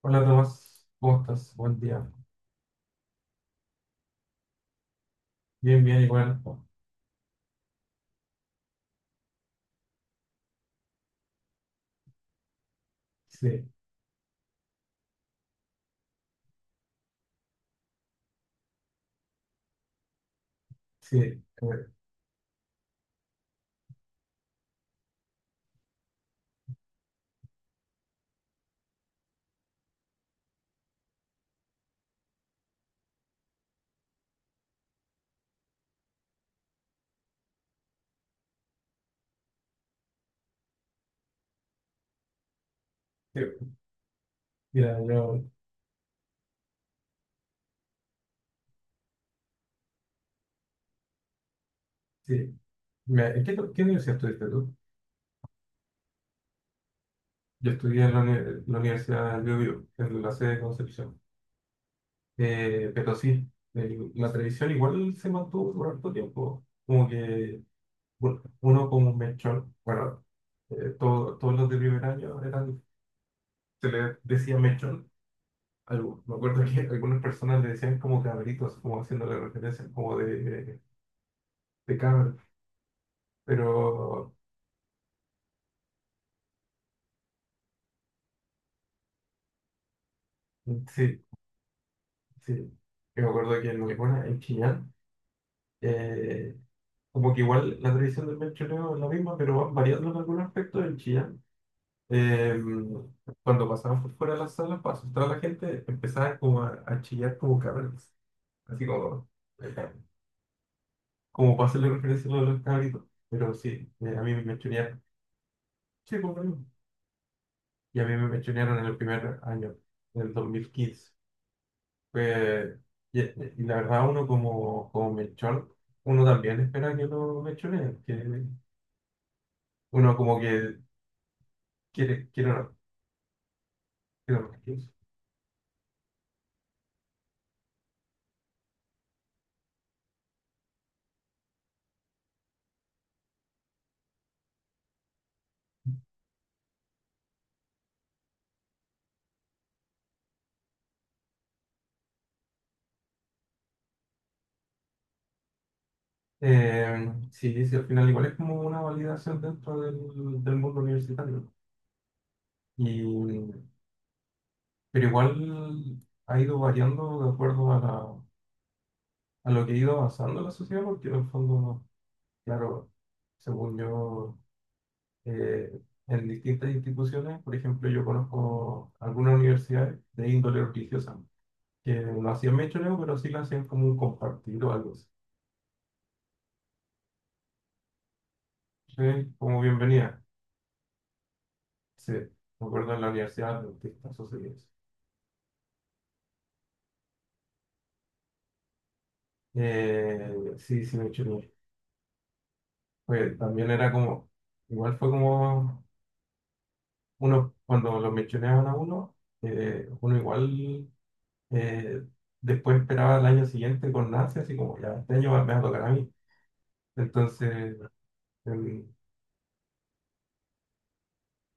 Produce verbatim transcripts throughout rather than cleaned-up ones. Hola Tomás, ¿cómo estás? Buen día. Bien, bien, igual. Sí, sí, bueno, sí. Mira, yo, sí. Mira, ¿en qué, qué universidad estuviste tú? Yo estudié en la, uni- la Universidad del Biobío, en la sede de Concepción. Eh, pero sí, el- la televisión igual se mantuvo por harto tiempo. Como que bueno, uno como un mechón, bueno, eh, todo- todos los de primer año eran, se les decía mechón. Algo. Me acuerdo que algunas personas le decían como cabritos, como haciéndole referencia, como de, de, Cameron. Pero sí, sí. Yo me acuerdo que en Lepona, en Chillán, eh, como que igual la tradición del mechoneo es la misma, pero van variando en algunos aspectos. En Chillán, eh, cuando pasaban por fuera de las salas para asustar a la gente, empezaban como a, a chillar como cabros. Así como, eh, como para hacerle referencia a lo de los cabritos. Pero sí, eh, a mí me mechonearon. Sí, por lo Y a mí me mechonearon en el primer año, en el dos mil quince. Pues, y, eh, y la verdad, uno como, como, mechón uno también espera que lo mechoneen, que uno como que quiere, quiere los- quiere los Eh, sí, sí, al final igual es como una validación dentro del, del mundo universitario. ¿no? Y, pero igual ha ido variando de acuerdo a, la, a lo que ha ido avanzando la sociedad, porque en el fondo, claro, según yo. eh, en distintas instituciones. Por ejemplo, yo conozco algunas universidades de índole religiosa que no hacían mechoneo, pero sí lo hacían como un compartir o algo así. Sí, Como bienvenida. Sí, me acuerdo en la Universidad Adventista sucedió eso. Eh, sí, sí, mechoneé. Pues también era como, igual fue como uno, cuando lo mechoneaban a uno, eh, uno igual eh, después esperaba el año siguiente con ansia, así como ya este año va- me va a tocar a mí. Entonces, em,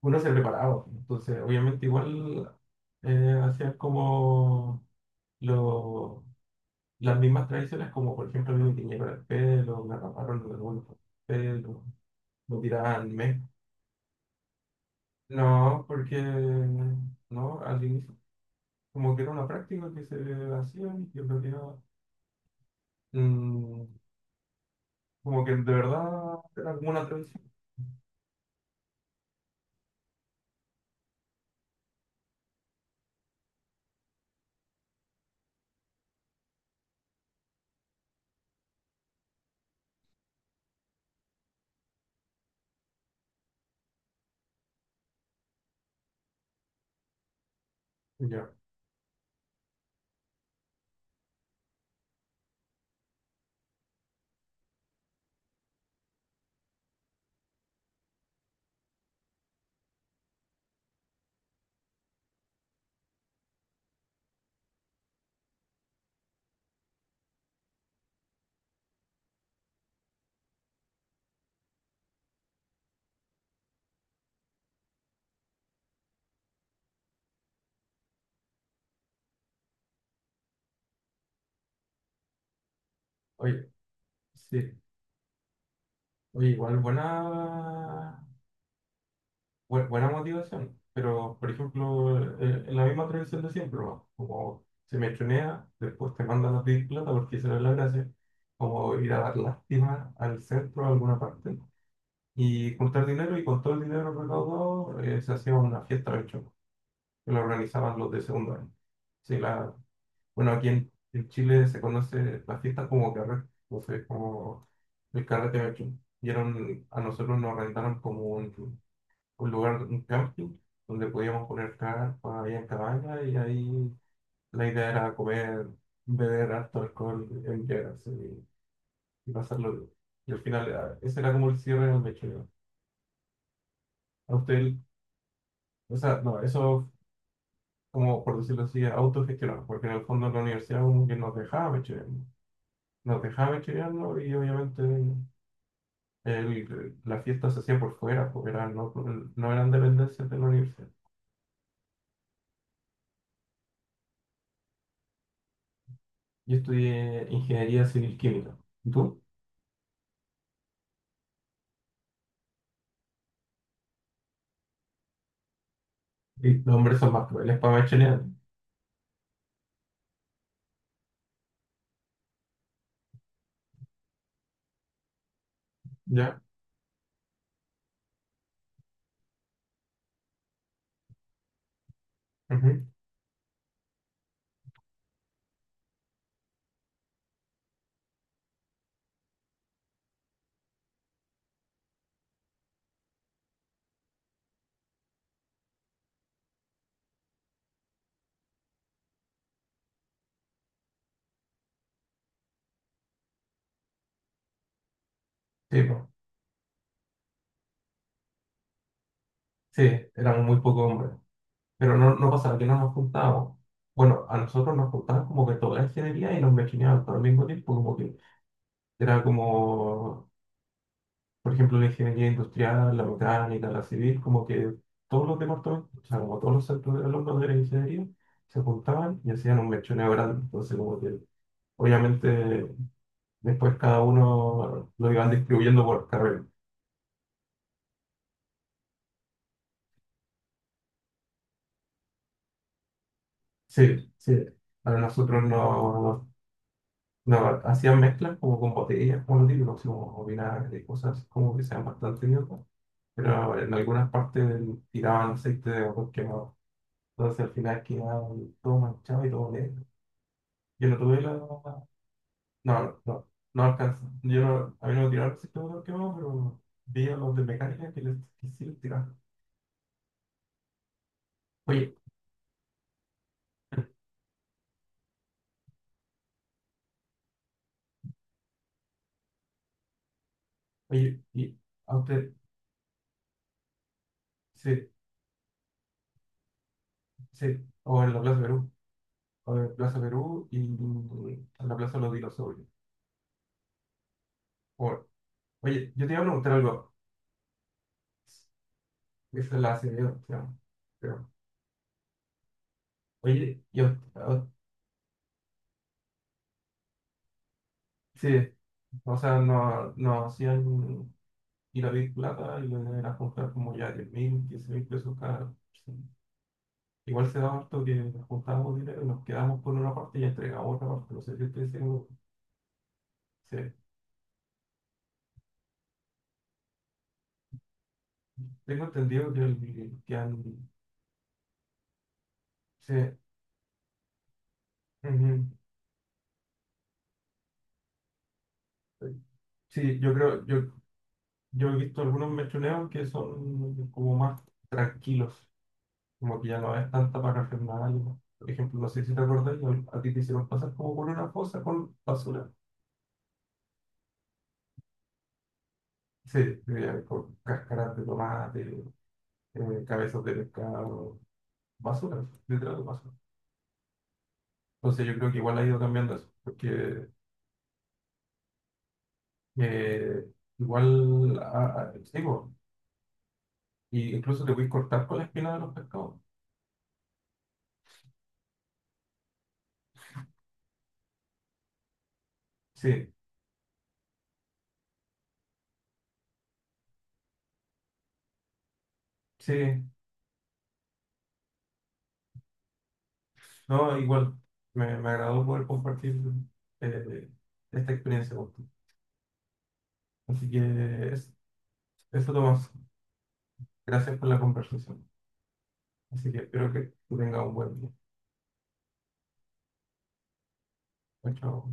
uno se preparaba. ¿no? Entonces, obviamente igual eh, hacían como lo, las mismas tradiciones, como por ejemplo a mí me tiñeron el pelo, me raparon los algunos pelo, me tiraban mes. No, porque no, al inicio, como que era una práctica que se hacía y que en realidad, mm, como que de verdad era como una tradición. Ya, oye, sí, oye, igual buena bu- buena motivación, pero por ejemplo, eh, en la misma tradición de siempre, ¿no? Como se mechonea, después te mandan a pedir plata porque esa era la gracia, como ir a dar lástima al centro, a alguna parte, y juntar dinero, y con todo el dinero recaudado eh, se hacía una fiesta mechona, que la organizaban los de segundo año. Sí, la, bueno, aquí en, en, Chile se conoce la fiesta como carrete, entonces como el carrete mechón. Y era un- a nosotros nos rentaron como un, un lugar, un camping, donde podíamos poner carpa, había cabaña y ahí la idea era comer, beber harto alcohol en llenas y, y pasarlo bien. Y al final, ah, ese era como el cierre del mechero. A usted, o sea, no, eso, como por decirlo así, autogestionado, porque en el fondo la universidad como que nos dejaba mechorear, nos dejaba mechorearnos y obviamente el- la fiesta se hacía por fuera, porque era- no, no eran dependencias de la universidad. Yo estudié ingeniería civil química. ¿Y tú? Sí, los hombres son más crueles para machonear. ¿Ya? ujú, sí, po. Sí, eran muy pocos hombres. Pero no, no pasaba que no nos juntábamos. Bueno, a nosotros nos juntaban como que toda la ingeniería y nos machoneaban todo al mismo tiempo. Como que era como, por ejemplo, la ingeniería industrial, la mecánica, la civil, como que todos los departamentos, o sea, como todos los centros de alumnos de la ingeniería, se juntaban y hacían un mechoneo grande. Entonces, como que obviamente después cada uno lo iban distribuyendo por carrera. Sí, sí. A nosotros no, no hacían mezclas como con botellas, como lo típico, así como vinagre y cosas como que sean bastante idiotas, pero en algunas partes tiraban aceite de coco quemado. Entonces al final quedaba todo manchado y todo negro. Yo no tuve la... No, no, no, no alcanzó. Yo no, a mí no me tiraron aceite de coco quemado, pero vi a los de mecánica que les que sí les tiraron. Oye, oye, y a usted, sí, sí, o en la Plaza Perú. a ver, Plaza Perú y a la Plaza Los Dinosaurios. Por- Oye, yo te iba a preguntar algo. Esa es la Acevedo, se llama, creo. Oye, yo, ah, sí, o sea, no, no hacían ir a Big Plata y le a juntar como ya diez mil, quince mil pesos cada. Sí. Igual se da harto que juntábamos dinero y nos quedamos con una parte y entregamos otra parte. No sé si estoy diciendo. Sí, tengo entendido que, el- que han. Sí, ujú. Sí, yo creo, yo Yo he visto algunos mechoneos que son como más tranquilos, como que ya no es tanta parafernalia. Por ejemplo, no sé si te acordás, a ti te hicieron pasar como por una fosa con basura. Sí, eh, con cáscaras de tomate, eh, cabezas de pescado, basura, literal basura. Entonces yo creo que igual ha ido cambiando eso, porque eh, igual, ah, ah, sí, po, y incluso te puedes cortar con la espina de los pescados. Sí, sí, no, igual, me, me agradó poder compartir eh, esta experiencia contigo. Así que es- eso, Tomás. Gracias por la conversación. Así que espero que tú tengas un buen día. Chao, chao.